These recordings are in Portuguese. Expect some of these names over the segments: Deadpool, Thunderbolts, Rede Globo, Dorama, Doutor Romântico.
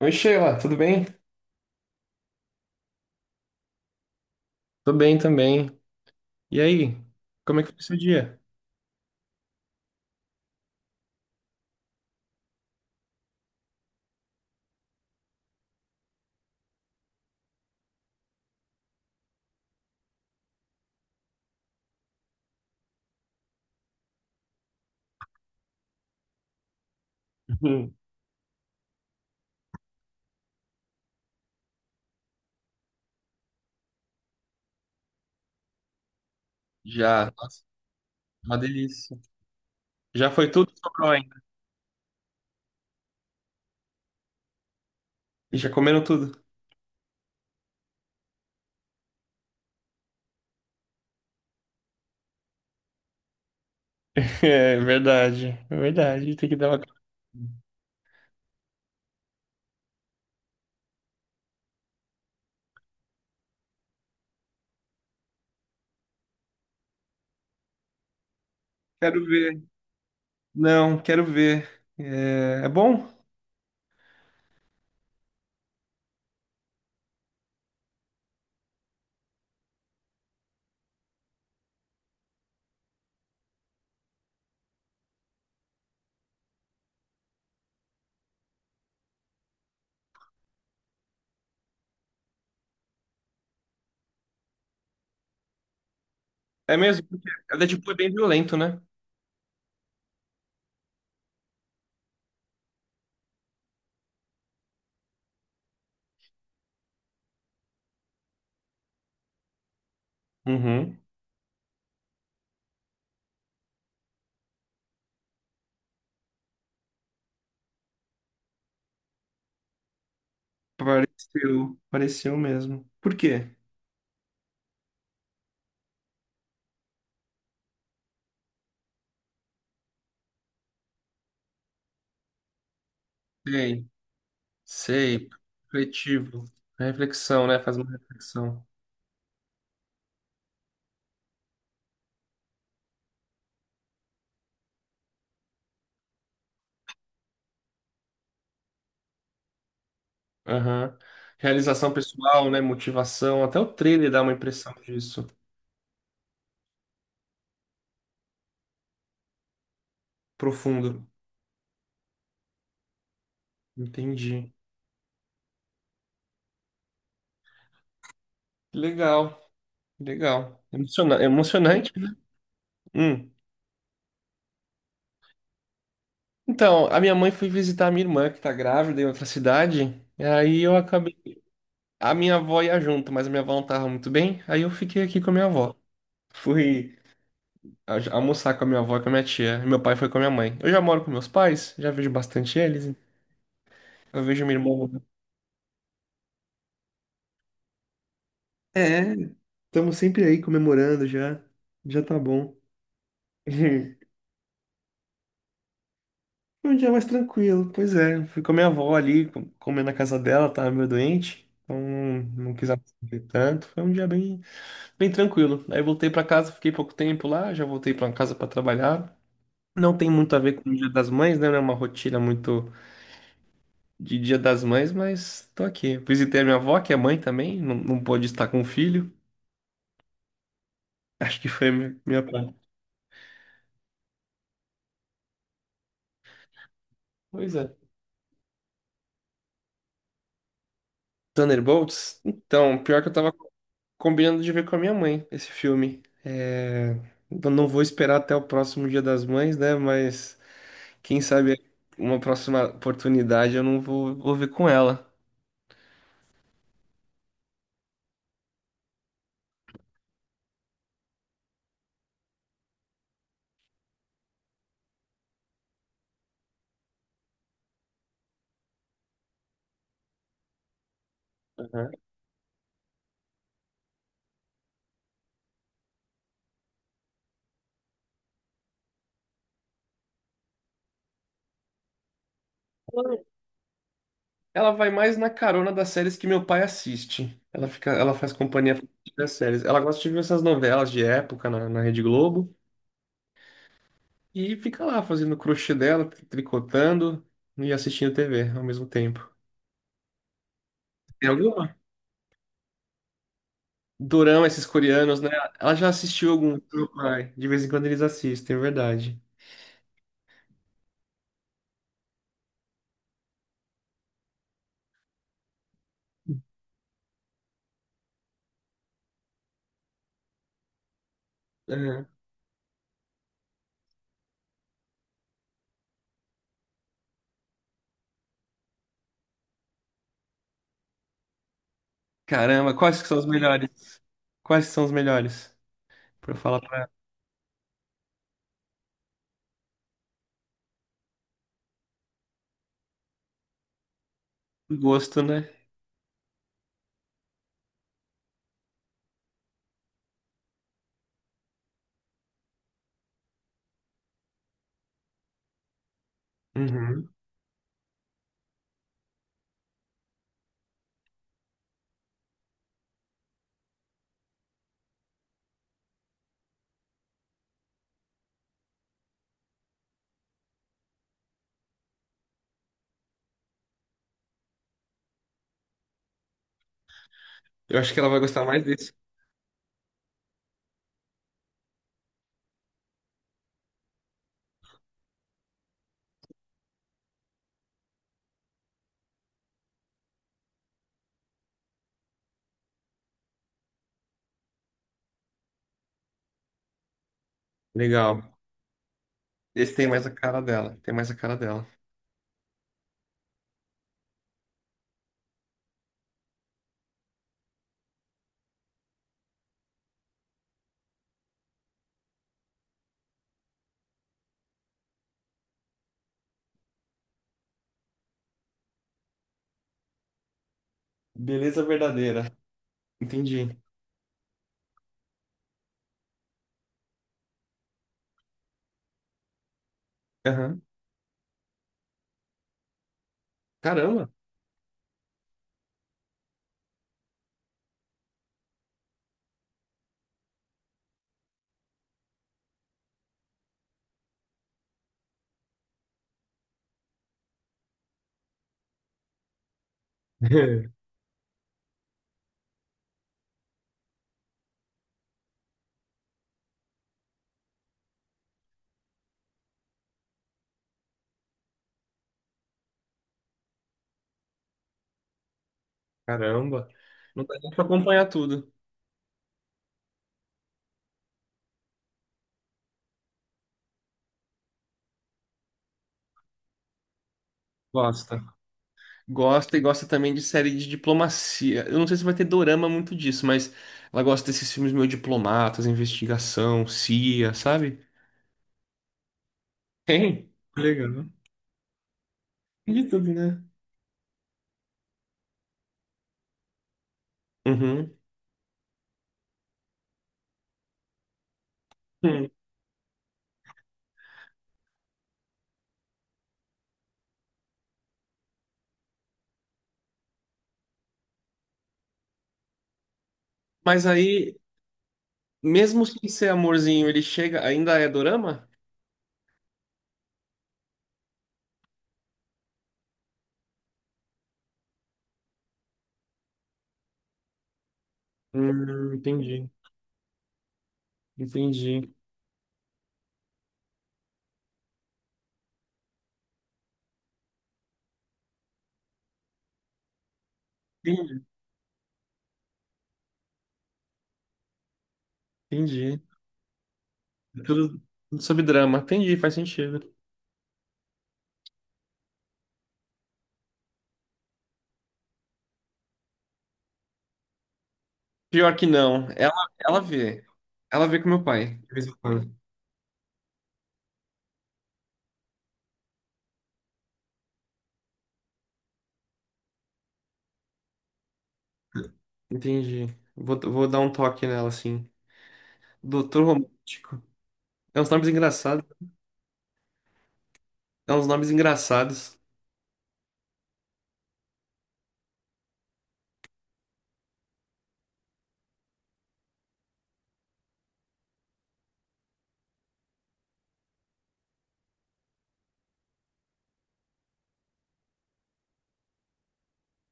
Oi, Sheila, tudo bem? Tô bem também. E aí? Como é que foi o seu dia? Uhum. Já, nossa, uma delícia. Já foi tudo, sobrou ainda. E já comeram tudo. É verdade, é verdade. Tem que dar uma. Quero ver. Não, quero ver. É, é bom? É mesmo? Porque é Deadpool é bem violento, né? Uhum. Pareceu, pareceu mesmo. Por quê? Sei, sei. Refletivo. Reflexão, né? Faz uma reflexão. Aham. Realização pessoal, né? Motivação, até o trailer dá uma impressão disso. Profundo. Entendi. Legal, legal. Emociona- Emocionante. Hum. Então, a minha mãe foi visitar a minha irmã, que tá grávida em outra cidade. E aí eu acabei. A minha avó ia junto, mas a minha avó não tava muito bem. Aí eu fiquei aqui com a minha avó. Fui almoçar com a minha avó e com a minha tia. E meu pai foi com a minha mãe. Eu já moro com meus pais, já vejo bastante eles. Eu vejo minha irmã. É. Estamos sempre aí comemorando já. Já tá bom. Foi um dia mais tranquilo. Pois é, fui com a minha avó ali, comer na casa dela, tava meio doente. Então não, quis aparecer tanto. Foi um dia bem, bem tranquilo. Aí voltei pra casa, fiquei pouco tempo lá, já voltei pra casa pra trabalhar. Não tem muito a ver com o Dia das Mães, né? Não é uma rotina muito de Dia das Mães, mas tô aqui. Visitei a minha avó, que é mãe também, não, não pôde estar com o filho. Acho que foi a minha parte. Pois é. Thunderbolts? Então, pior que eu tava combinando de ver com a minha mãe esse filme. É, eu não vou esperar até o próximo Dia das Mães, né? Mas quem sabe uma próxima oportunidade eu não vou, vou ver com ela. Aham. Ela ela vai mais na carona das séries que meu pai assiste. Ela fica, ela faz companhia das séries. Ela gosta de ver essas novelas de época na Rede Globo e fica lá fazendo o crochê dela, tricotando e assistindo TV ao mesmo tempo. Tem alguma Dorama, esses coreanos, né? Ela já assistiu algum? Meu pai. De vez em quando eles assistem, é verdade. Aham. Caramba, quais que são os melhores? Quais que são os melhores? Pra eu falar pra ela. Gosto, né? Uhum. Eu acho que ela vai gostar mais desse. Legal. Esse tem mais a cara dela. Tem mais a cara dela. Beleza verdadeira. Entendi. Aham. Caramba. Caramba. Não dá nem pra acompanhar tudo. Gosto. Gosta e gosta também de série de diplomacia. Eu não sei se vai ter dorama muito disso, mas ela gosta desses filmes meio diplomatas, investigação, CIA, sabe? Tem. Legal. De tudo, né? Uhum. Hum. Mas aí, mesmo sem ser amorzinho, ele chega, ainda é dorama? Entendi. Entendi. Entendi. Entendi. Tudo tudo sobre drama. Entendi, faz sentido. Pior que não. Ela vê. Ela vê com meu pai, de vez em quando. Entendi. Vou dar um toque nela, assim. Doutor Romântico. É uns nomes engraçados. É uns nomes engraçados.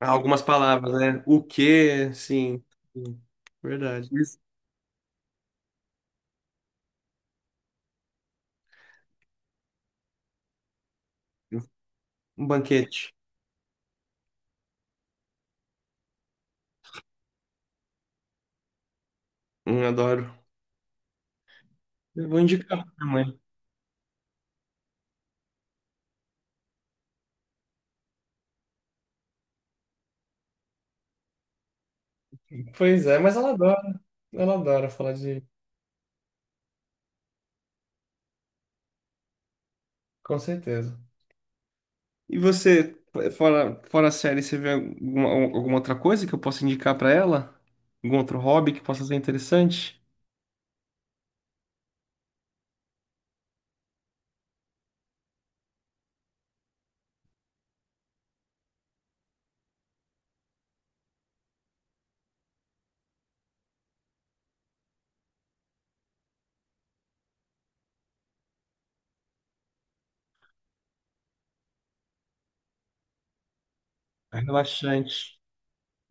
Há Algumas palavras, né? O quê? Sim. Sim. Verdade. Isso. Um banquete. Adoro. Eu vou indicar pra minha mãe. Pois é, mas ela adora. Ela adora falar de. Com certeza. E você, fora a série, você vê alguma, alguma outra coisa que eu possa indicar pra ela? Algum outro hobby que possa ser interessante? É relaxante.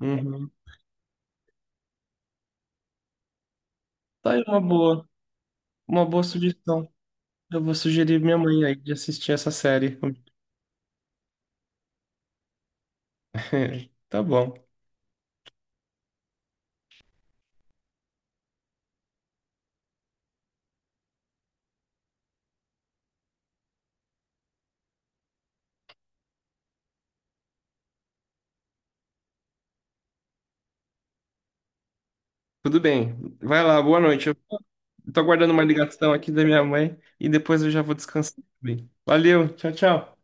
Uhum. Tá aí uma boa sugestão. Eu vou sugerir minha mãe aí de assistir essa série. Tá bom. Tudo bem. Vai lá, boa noite. Eu tô aguardando uma ligação aqui da minha mãe e depois eu já vou descansar também. Valeu, tchau, tchau.